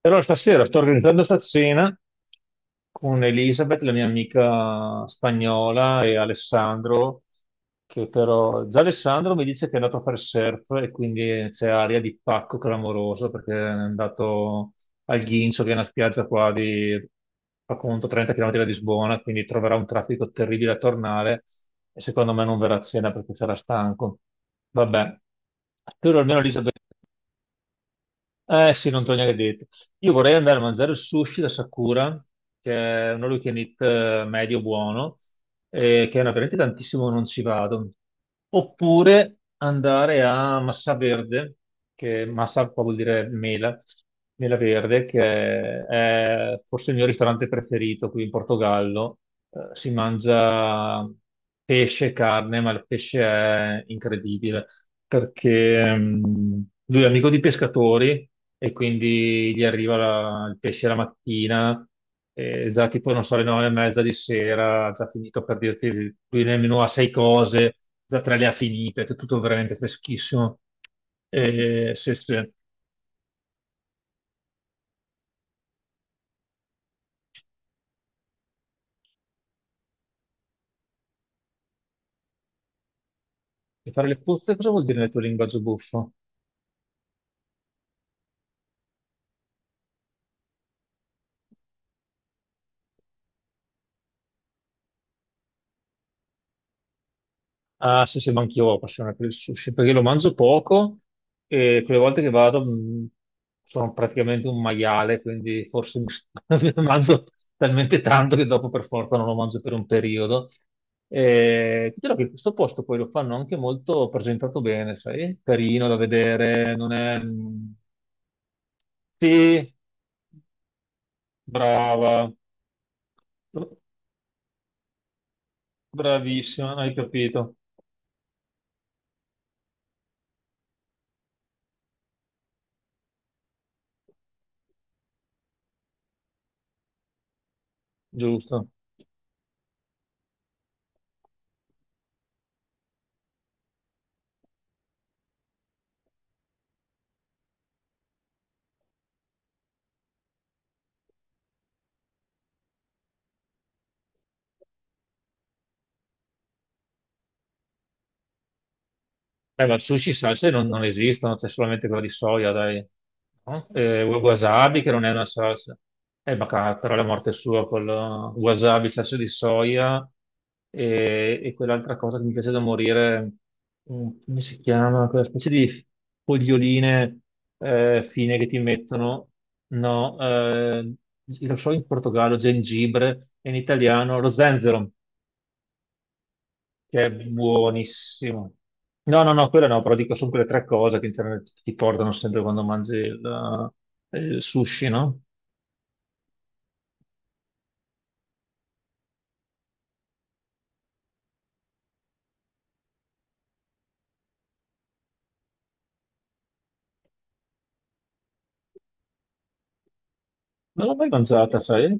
E allora stasera sto organizzando sta cena con Elisabeth, la mia amica spagnola, e Alessandro, che però già Alessandro mi dice che è andato a fare surf e quindi c'è aria di pacco clamoroso perché è andato al Ghincio, che è una spiaggia qua di, fa conto, 30 km da Lisbona, quindi troverà un traffico terribile a tornare e secondo me non verrà a cena perché sarà stanco. Vabbè, spero almeno Elisabeth. Eh sì, non te l'ho neanche detto. Io vorrei andare a mangiare il sushi da Sakura, che è un all you can eat, medio buono, veramente tantissimo non ci vado. Oppure andare a Massa Verde, che Massa qua vuol dire mela, mela verde, che è forse il mio ristorante preferito qui in Portogallo. Si mangia pesce, carne, ma il pesce è incredibile perché lui è amico di pescatori e quindi gli arriva il pesce la mattina, e già tipo, non so, alle 9:30 di sera, ha già finito per dirti, lui nel menù ha 6 cose, già 3 le ha finite, è tutto veramente freschissimo. E, se, se- e fare le puzze cosa vuol dire nel tuo linguaggio buffo? Ah, sì, sì, ma anch'io ho la passione per il sushi, perché lo mangio poco e quelle volte che vado sono praticamente un maiale, quindi forse mi ne mangio talmente tanto che dopo per forza non lo mangio per un periodo. E ti dirò che questo posto poi lo fanno anche molto presentato bene, sai? Carino da vedere, non è. Sì, brava, bravissima, hai capito, giusto. Beh, ma sushi e salse non esistono, c'è solamente quella di soia, dai. No? Wasabi, che non è una salsa. Però la morte sua, col wasabi, salsa di soia e quell'altra cosa che mi piace da morire, come si chiama? Quella specie di foglioline fine che ti mettono. No, lo so in Portogallo, gengibre, e in italiano lo zenzero che è buonissimo. No, no, no, quello no, però dico sono quelle tre cose che in genere ti portano sempre quando mangi il sushi, no? Non l'ho mai mangiata, sai?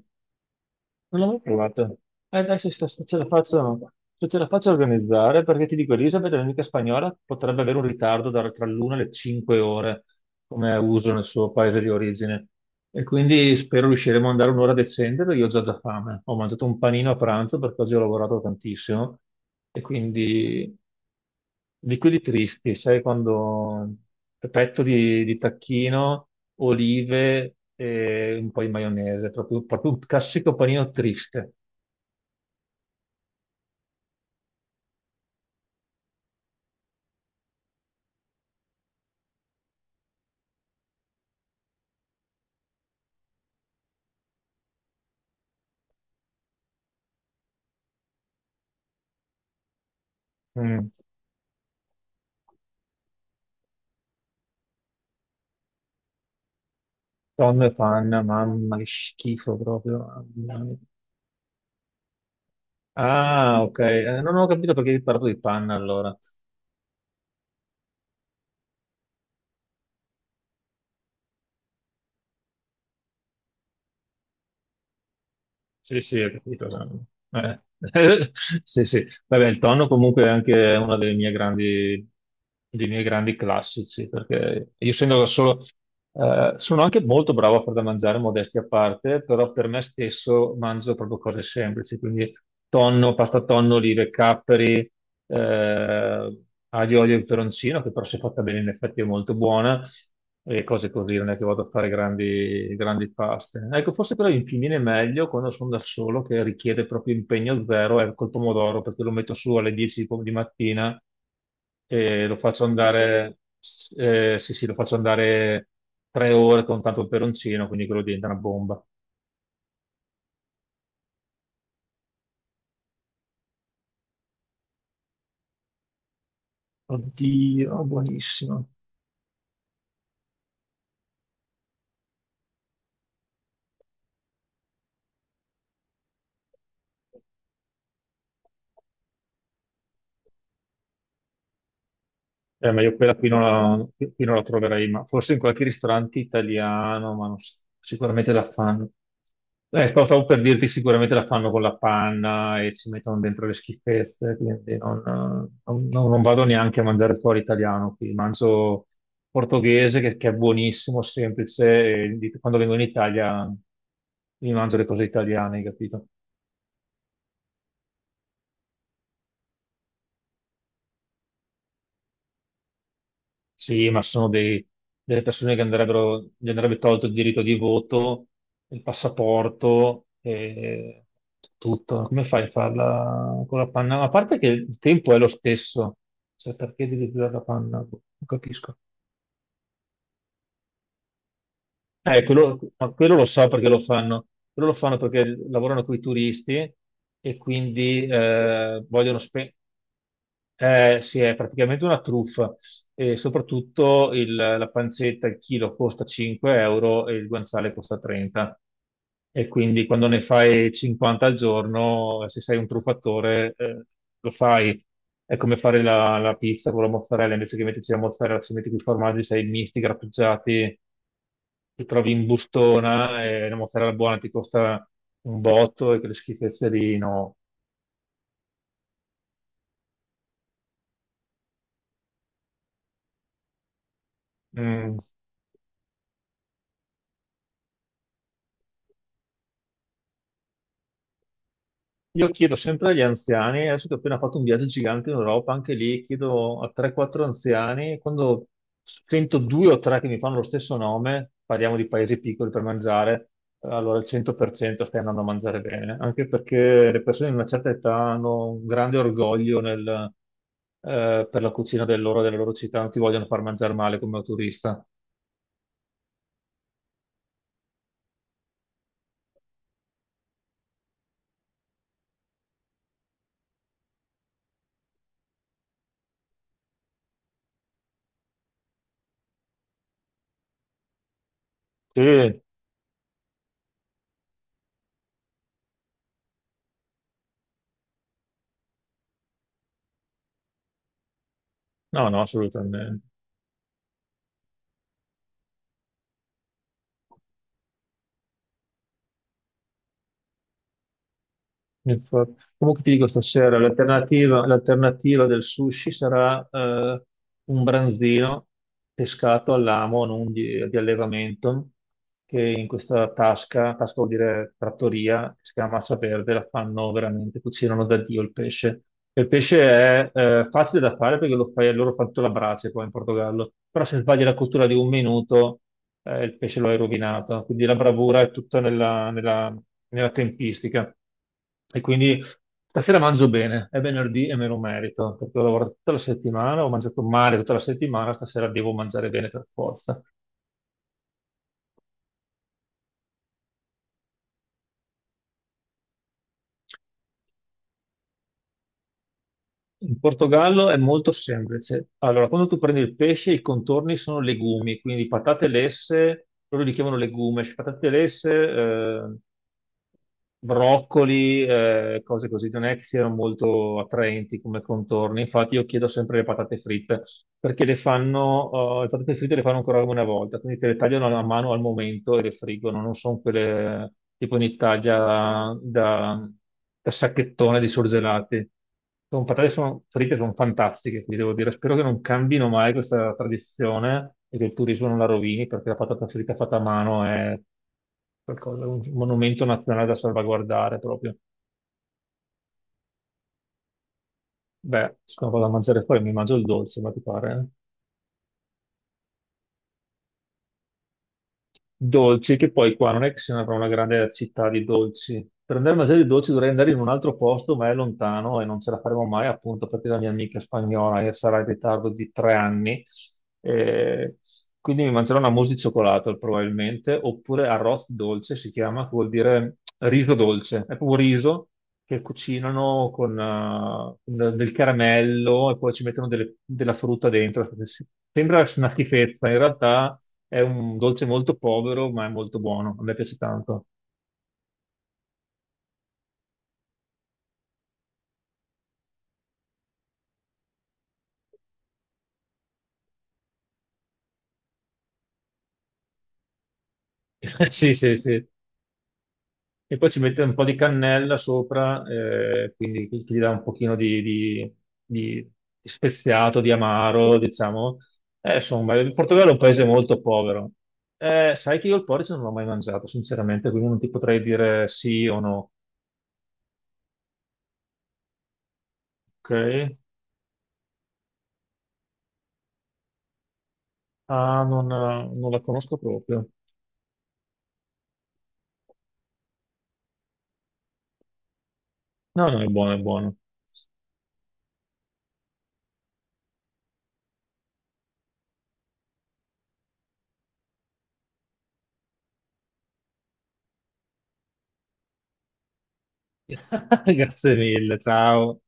Non l'ho mai provata. Dai, se ce la faccio, se ce la faccio organizzare, perché ti dico, Elisabeth, l'amica spagnola, potrebbe avere un ritardo tra l'una e le 5 ore, come è uso nel suo paese di origine. E quindi spero riusciremo ad andare un'ora decente, perché io ho già da fame. Ho mangiato un panino a pranzo perché oggi ho lavorato tantissimo. E quindi Di quelli tristi, sai quando petto di tacchino, olive e un po' di maionese, proprio, proprio un classico panino triste. Mm. Tonno e panna, mamma, che schifo proprio. Mamma mia. Ah, ok, non ho capito perché hai parlato di panna allora. Sì, sì, ho capito. No. Eh. Sì, sì. Vabbè, il tonno comunque è anche una delle mie grandi, dei miei grandi classici, perché io essendo da solo, sono anche molto bravo a far da mangiare, modesti a parte, però per me stesso mangio proprio cose semplici, quindi tonno, pasta tonno, olive, capperi, eh, aglio, olio e peperoncino, che però se fatta bene in effetti è molto buona e cose così, non è che vado a fare grandi, grandi paste. Ecco, forse però mi viene meglio quando sono da solo, che richiede proprio impegno zero, è col pomodoro, perché lo metto su alle 10 di mattina e lo faccio andare, sì, sì, lo faccio andare 3 ore con tanto peperoncino, quindi quello diventa una bomba. Oddio, buonissimo. Ma io quella qui non la troverei, ma forse in qualche ristorante italiano, ma non sicuramente la fanno. Stavo per dirti, sicuramente la fanno con la panna e ci mettono dentro le schifezze, quindi non vado neanche a mangiare fuori italiano qui, mangio portoghese che è buonissimo, semplice, quando vengo in Italia mi mangio le cose italiane, hai capito? Sì, ma sono delle persone che andrebbero, gli andrebbe tolto il diritto di voto, il passaporto e tutto. Come fai a farla con la panna? Ma a parte che il tempo è lo stesso, cioè perché devi usare la panna? Boh, non capisco. Quello, ma quello lo so perché lo fanno. Quello lo fanno perché lavorano con i turisti e quindi vogliono spendere. Sì, è praticamente una truffa e soprattutto la pancetta, il chilo costa 5 euro e il guanciale costa 30. E quindi quando ne fai 50 al giorno, se sei un truffatore, lo fai. È come fare la pizza con la mozzarella, invece che metterci la mozzarella, ci metti più formaggi, sei misti, grattugiati, ti trovi in bustona e la mozzarella buona ti costa un botto e quelle schifezze lì, no. Mm. Io chiedo sempre agli anziani, adesso che ho appena fatto un viaggio gigante in Europa, anche lì chiedo a 3-4 anziani, quando sento due o tre che mi fanno lo stesso nome, parliamo di paesi piccoli per mangiare, allora al 100% stai andando a mangiare bene, anche perché le persone di una certa età hanno un grande orgoglio per la cucina della loro città, non ti vogliono far mangiare male come turista. Sì, no, no, assolutamente. Infatti. Comunque ti dico stasera, l'alternativa del sushi sarà un branzino pescato all'amo, non di allevamento, che in questa tasca, tasca vuol dire trattoria, che si chiama Massa Verde, la fanno veramente, cucinano da Dio il pesce. E il pesce è facile da fare perché lo fai, loro fanno tutta la brace qua in Portogallo, però se sbagli la cottura di un minuto il pesce lo hai rovinato. Quindi la bravura è tutta nella tempistica. E quindi stasera mangio bene, è venerdì e me lo merito, perché ho lavorato tutta la settimana, ho mangiato male tutta la settimana, stasera devo mangiare bene per forza. In Portogallo è molto semplice. Allora, quando tu prendi il pesce, i contorni sono legumi, quindi patate lesse, loro li chiamano legumes, patate lesse, broccoli, cose così, non è che siano molto attraenti come contorni. Infatti, io chiedo sempre le patate fritte perché le fanno, le patate fritte le fanno ancora una volta, quindi te le tagliano a mano al momento e le friggono. Non sono quelle tipo in Italia da, da sacchettone di surgelati. Sono patate, sono fritte, sono fantastiche, quindi devo dire, spero che non cambino mai questa tradizione e che il turismo non la rovini perché la patata fritta fatta a mano è qualcosa, un monumento nazionale da salvaguardare proprio. Beh, sono vado a mangiare poi, mi mangio il dolce, ma ti pare? Eh? Dolci, che poi qua non è che se ne avrà una grande città di dolci. Per andare a mangiare i dolci dovrei andare in un altro posto, ma è lontano e non ce la faremo mai, appunto, perché la mia amica spagnola sarà in ritardo di 3 anni. Eh, quindi mi mangerò una mousse di cioccolato probabilmente, oppure arroz dolce si chiama, che vuol dire riso dolce. È proprio riso che cucinano con del caramello e poi ci mettono della frutta dentro. Sembra una schifezza, in realtà è un dolce molto povero, ma è molto buono. A me piace tanto. Sì, sì, sì. E poi ci mette un po' di cannella sopra, quindi che gli dà un pochino di- di speziato, di amaro, diciamo. Insomma, il Portogallo è un paese molto povero. Sai che io il porridge non l'ho mai mangiato, sinceramente, quindi non ti potrei dire sì o no. Ok? Ah, non la conosco proprio. No, no, è buono, è buono. Grazie mille, ciao.